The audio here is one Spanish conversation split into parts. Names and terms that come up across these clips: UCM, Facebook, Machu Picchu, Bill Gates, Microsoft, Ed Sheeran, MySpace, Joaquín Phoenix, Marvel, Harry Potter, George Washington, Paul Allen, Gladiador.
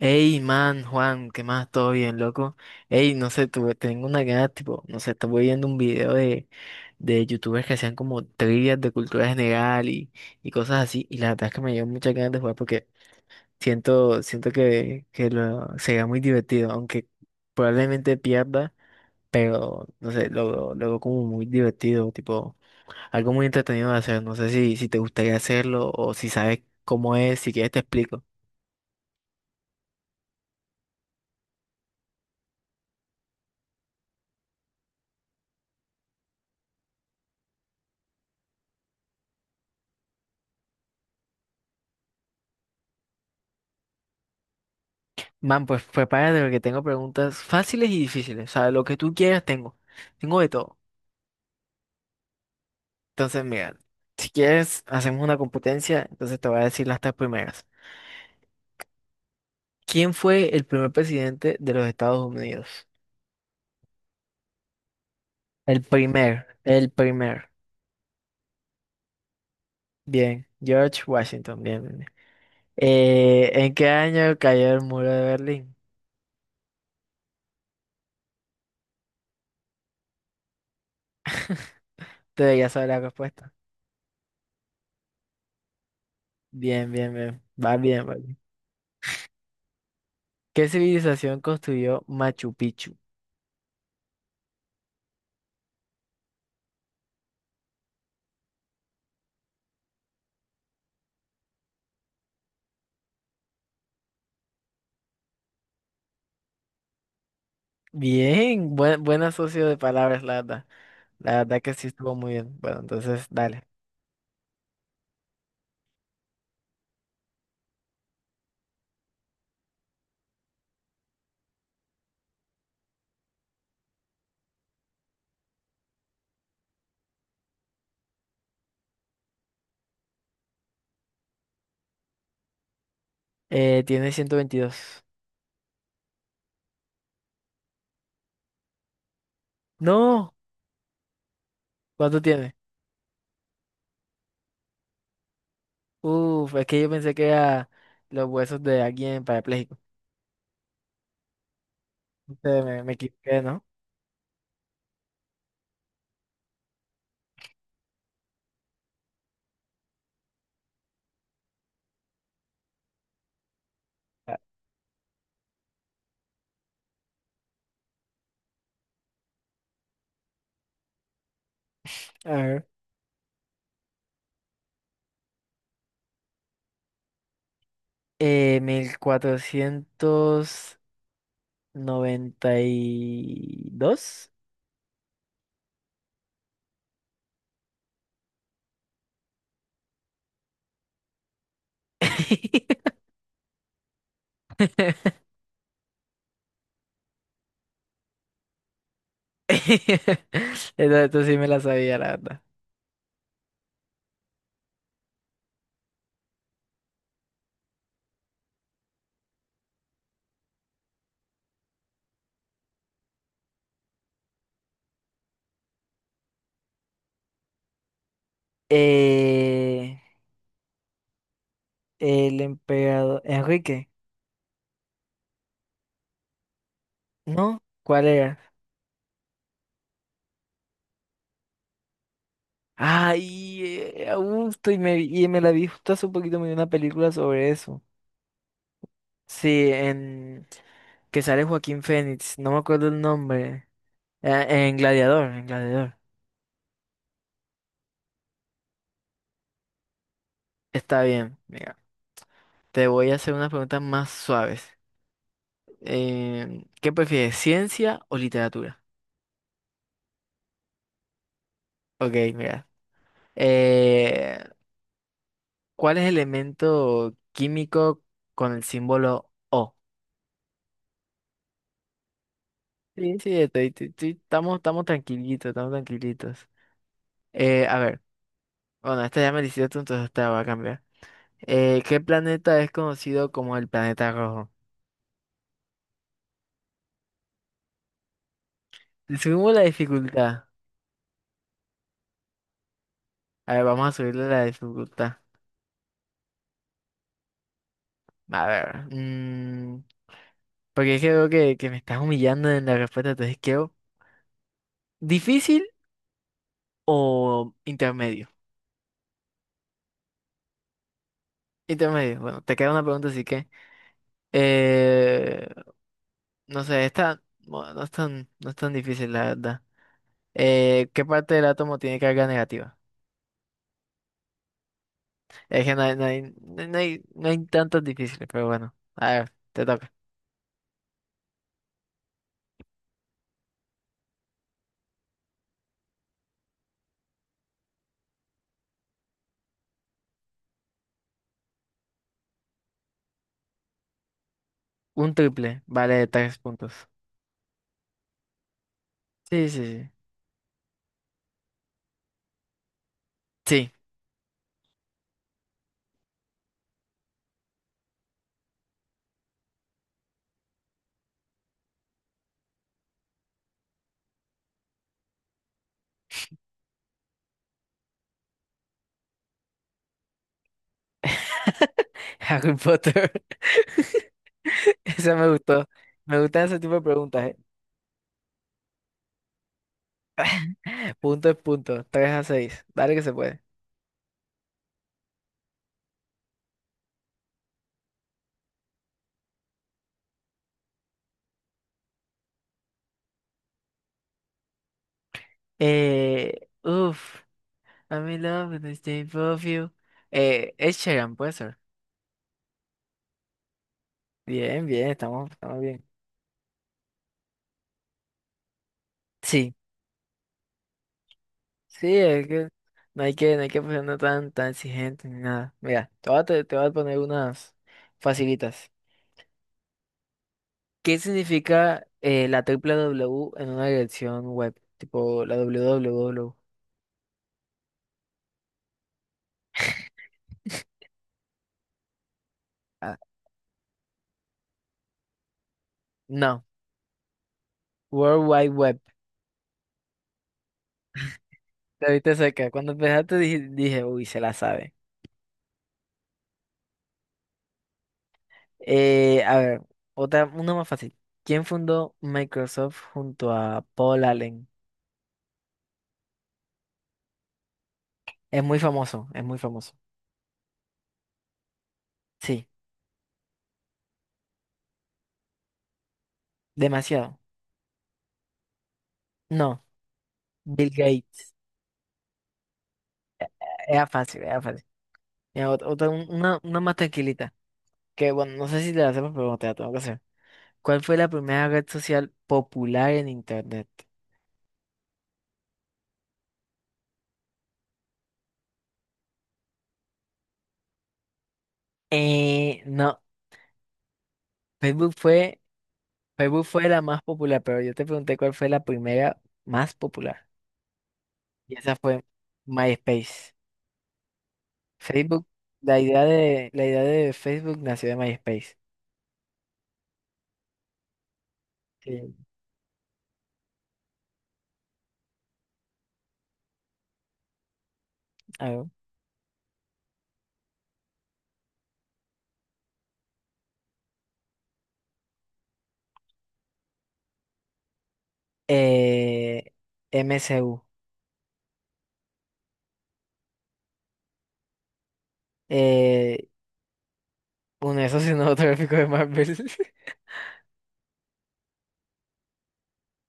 Ey, man, Juan, ¿qué más? ¿Todo bien, loco? Ey, no sé, tengo una gana, tipo, no sé, estuve viendo un video de youtubers que hacían como trivias de cultura general y cosas así, y la verdad es que me dio muchas ganas de jugar porque siento que sería muy divertido, aunque probablemente pierda, pero, no sé, lo veo como muy divertido, tipo, algo muy entretenido de hacer, no sé si te gustaría hacerlo o si sabes cómo es, si quieres te explico. Man, pues prepárate porque tengo preguntas fáciles y difíciles. O sea, lo que tú quieras tengo. Tengo de todo. Entonces, mira, si quieres, hacemos una competencia. Entonces te voy a decir las tres primeras. ¿Quién fue el primer presidente de los Estados Unidos? El primer, el primer. Bien, George Washington, bien, bien, bien. ¿En qué año cayó el muro de Berlín? Te debería saber la respuesta. Bien, bien, bien. Va bien, va bien. ¿Qué civilización construyó Machu Picchu? Bien, buen asocio de palabras, la verdad. La verdad que sí estuvo muy bien. Bueno, entonces, dale. Tiene 122. No, ¿cuánto tiene? Uf, es que yo pensé que era los huesos de alguien parapléjico. Entonces me equivoqué, ¿no? A a ver. 1492. Esto sí me la sabía, la verdad. Eh, el emperador Enrique. ¿No? ¿Cuál era? Ah, y, a gusto, y me la vi justo hace un poquito, me vi una película sobre eso. Sí, en que sale Joaquín Phoenix, no me acuerdo el nombre. En Gladiador, en Gladiador. Está bien, mira, te voy a hacer unas preguntas más suaves. ¿Qué prefieres, ciencia o literatura? Ok, mira. Eh, ¿Cuál es el elemento químico con el símbolo O? Sí, sí, estamos tranquilitos, estamos tranquilitos. A ver, bueno, esta ya me la hiciste, entonces esta va a cambiar. ¿Qué planeta es conocido como el planeta rojo? Le subimos la dificultad. A ver, vamos a subirle la dificultad. A ver, porque es que veo que me estás humillando en la respuesta, entonces quiero... ¿Difícil o intermedio? Intermedio, bueno, te queda una pregunta, así que... eh, no sé, esta... bueno, no es tan difícil, la verdad. ¿Qué parte del átomo tiene carga negativa? Es que no hay tantos difíciles, pero bueno. A ver, te toca. Un triple vale tres puntos. Sí, sí, sí. Sí. Harry Potter. Esa me gustó. Me gustan ese tipo de preguntas, eh. Punto es punto. 3-6. Dale que se puede. Eh, uf. I'm in love with the shape of you. Ed Sheeran, puede ser. Bien, bien, estamos bien. Sí. Sí, es que no hay que ponernos tan exigentes ni nada. Mira, te voy a poner unas facilitas. ¿Qué significa la triple W en una dirección web? Tipo la www. Ah, no, World Wide Web. Te viste cerca. Cuando empezaste dije, uy, se la sabe. A ver, otra, una más fácil. ¿Quién fundó Microsoft junto a Paul Allen? Es muy famoso, es muy famoso. Sí, demasiado. No, Bill Gates. Era fácil, era fácil. Mira, otra, una más tranquilita. Que bueno, no sé si te la hacemos, pero te la tengo que hacer. ¿Cuál fue la primera red social popular en internet? No, Facebook fue, Facebook fue la más popular, pero yo te pregunté cuál fue la primera más popular. Y esa fue MySpace. Facebook, la idea de Facebook nació de MySpace. Sí. Algo. Eh, MSU. Eh, un eso cinematográfico de Marvel.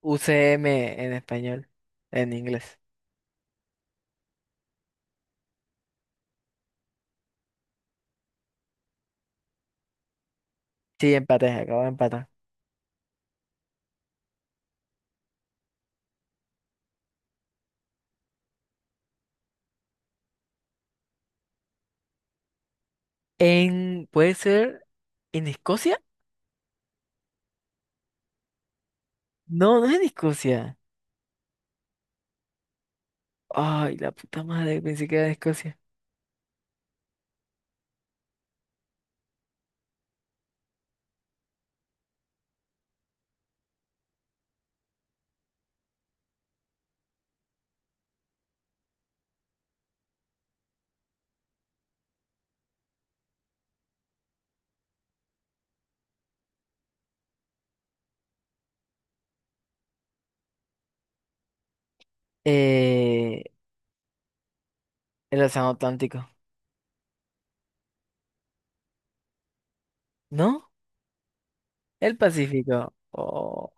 UCM en español, en inglés. Sí, empaté, acabo de empatar. ¿Puede ser en Escocia? No, no es en Escocia. Ay, la puta madre, pensé que era en Escocia. Eh, el Océano Atlántico. ¿No? El Pacífico. Oh,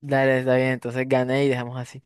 dale, está bien, entonces gané y dejamos así.